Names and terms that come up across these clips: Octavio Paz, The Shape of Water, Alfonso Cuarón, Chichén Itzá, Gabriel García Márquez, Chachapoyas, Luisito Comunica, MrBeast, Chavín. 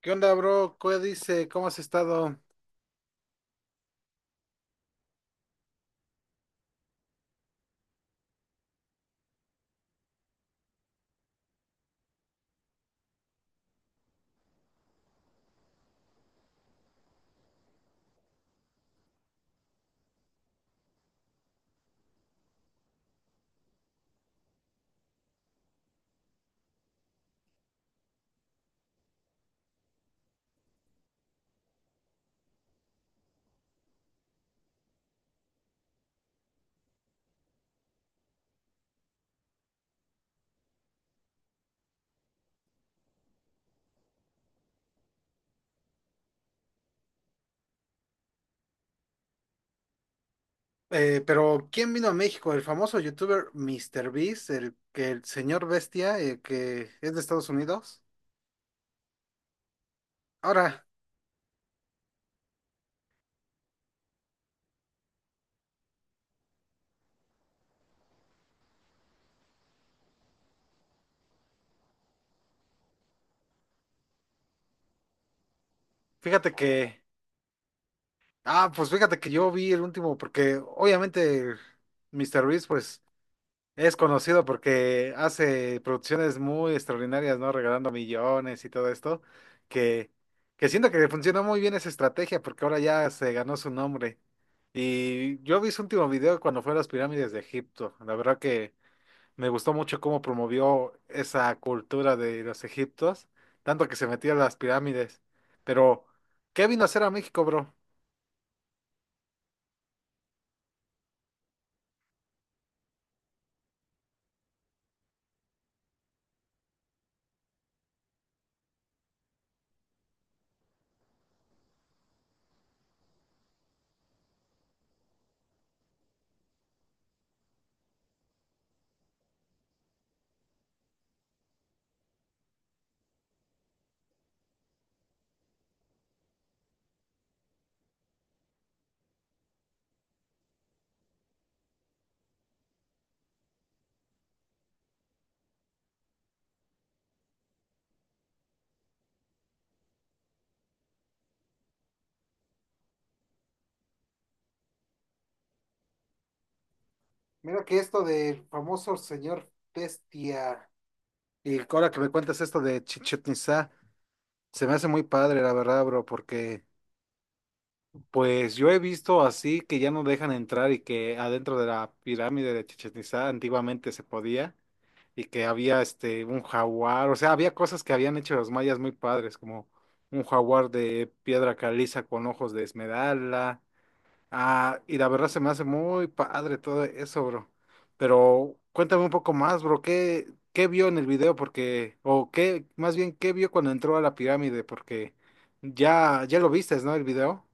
¿Qué onda, bro? ¿Qué dice? ¿Cómo has estado? Pero ¿quién vino a México? El famoso youtuber Mister Beast, el que el señor bestia, que es de Estados Unidos. Ahora, fíjate que, pues fíjate que yo vi el último, porque obviamente Mister Beast, pues es conocido porque hace producciones muy extraordinarias, ¿no? Regalando millones y todo esto, que, que siento que le funcionó muy bien esa estrategia porque ahora ya se ganó su nombre. Y yo vi su último video cuando fue a las pirámides de Egipto. La verdad que me gustó mucho cómo promovió esa cultura de los egiptos, tanto que se metió a las pirámides. Pero, ¿qué vino a hacer a México, bro? Mira que esto del famoso señor Bestia. Y ahora que me cuentas esto de Chichén, se me hace muy padre, la verdad, bro, porque pues yo he visto así que ya no dejan entrar, y que adentro de la pirámide de Chichén Itzá antiguamente se podía, y que había este un jaguar, o sea, había cosas que habían hecho los mayas muy padres, como un jaguar de piedra caliza con ojos de esmeralda. Y la verdad se me hace muy padre todo eso, bro. Pero cuéntame un poco más, bro, ¿qué vio en el video? Porque, o qué, más bien, ¿qué vio cuando entró a la pirámide? Porque ya lo viste, ¿no? El video.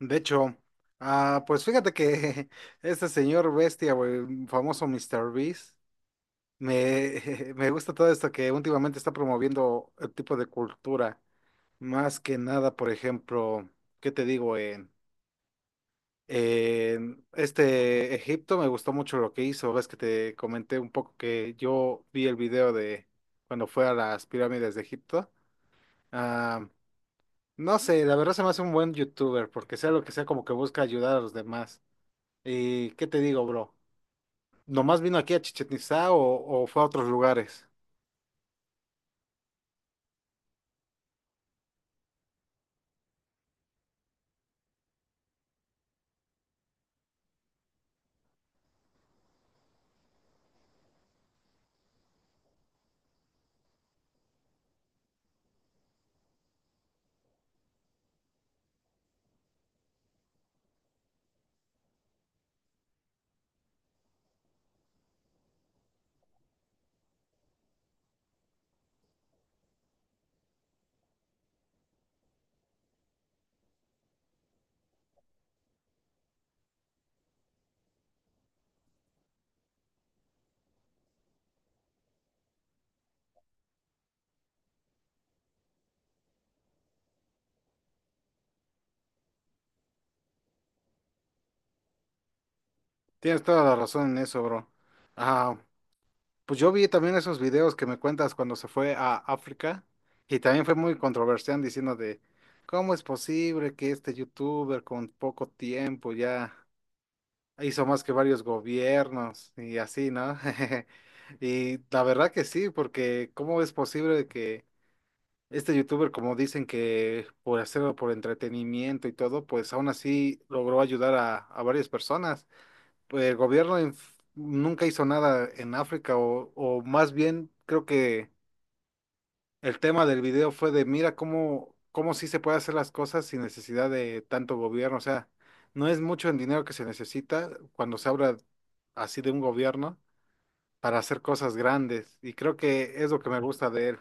De hecho, pues fíjate que este señor bestia, o el famoso Mr. Beast, me gusta todo esto que últimamente está promoviendo el tipo de cultura. Más que nada, por ejemplo, ¿qué te digo? Eh, este Egipto me gustó mucho lo que hizo. Ves que te comenté un poco que yo vi el video de cuando fue a las pirámides de Egipto. Ah, no sé, la verdad se me hace un buen youtuber porque sea lo que sea, como que busca ayudar a los demás. ¿Y qué te digo, bro? ¿Nomás vino aquí a Chichén Itzá o fue a otros lugares? Tienes toda la razón en eso, bro. Ah, Pues yo vi también esos videos que me cuentas cuando se fue a África, y también fue muy controversial diciendo de cómo es posible que este youtuber con poco tiempo ya hizo más que varios gobiernos y así, ¿no? Y la verdad que sí, porque cómo es posible que este youtuber, como dicen que por hacerlo por entretenimiento y todo, pues aún así logró ayudar a varias personas. el gobierno en- Nunca hizo nada en África, o más bien creo que el tema del video fue de mira cómo, cómo sí se puede hacer las cosas sin necesidad de tanto gobierno. O sea, no es mucho el dinero que se necesita cuando se habla así de un gobierno para hacer cosas grandes. Y creo que es lo que me gusta de él,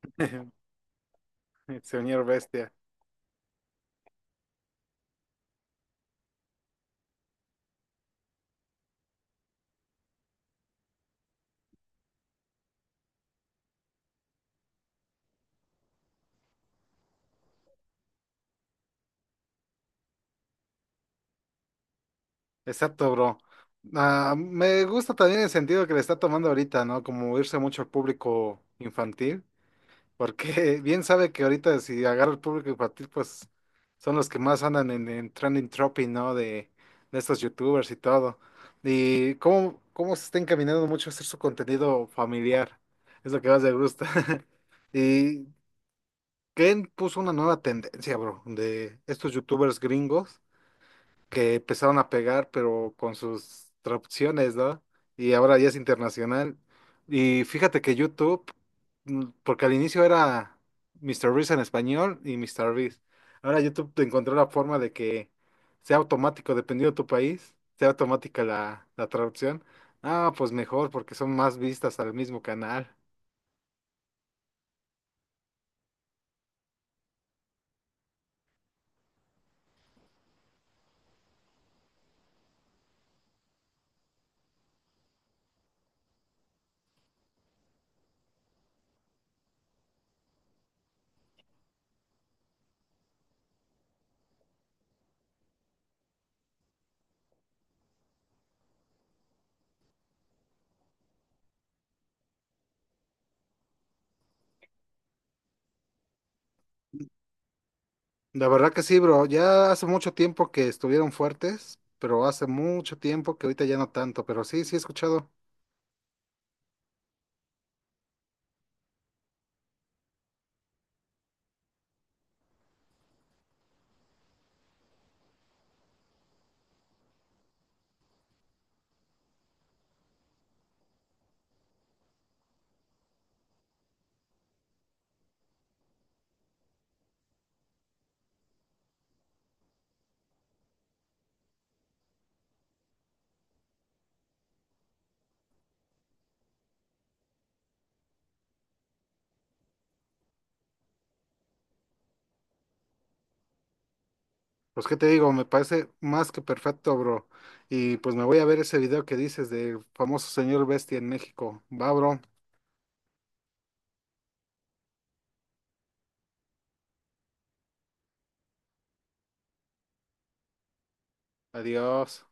el señor Bestia. Exacto, bro. Me gusta también el sentido que le está tomando ahorita, ¿no? Como irse mucho al público infantil. Porque bien sabe que ahorita si agarra el público infantil, pues son los que más andan en trending topic, ¿no? De estos youtubers y todo. Y cómo se está encaminando mucho a hacer su contenido familiar. Es lo que más me gusta. Y Ken puso una nueva tendencia, bro, de estos youtubers gringos que empezaron a pegar, pero con sus traducciones, ¿no? Y ahora ya es internacional. Y fíjate que YouTube, porque al inicio era Mr. Reese en español y Mr. Reese. Ahora YouTube te encontró la forma de que sea automático, dependiendo de tu país, sea automática la traducción. Pues mejor, porque son más vistas al mismo canal. La verdad que sí, bro. Ya hace mucho tiempo que estuvieron fuertes, pero hace mucho tiempo que ahorita ya no tanto. Pero sí, sí he escuchado. Pues qué te digo, me parece más que perfecto, bro. Y pues me voy a ver ese video que dices del famoso señor Bestia en México. Va, bro. Adiós.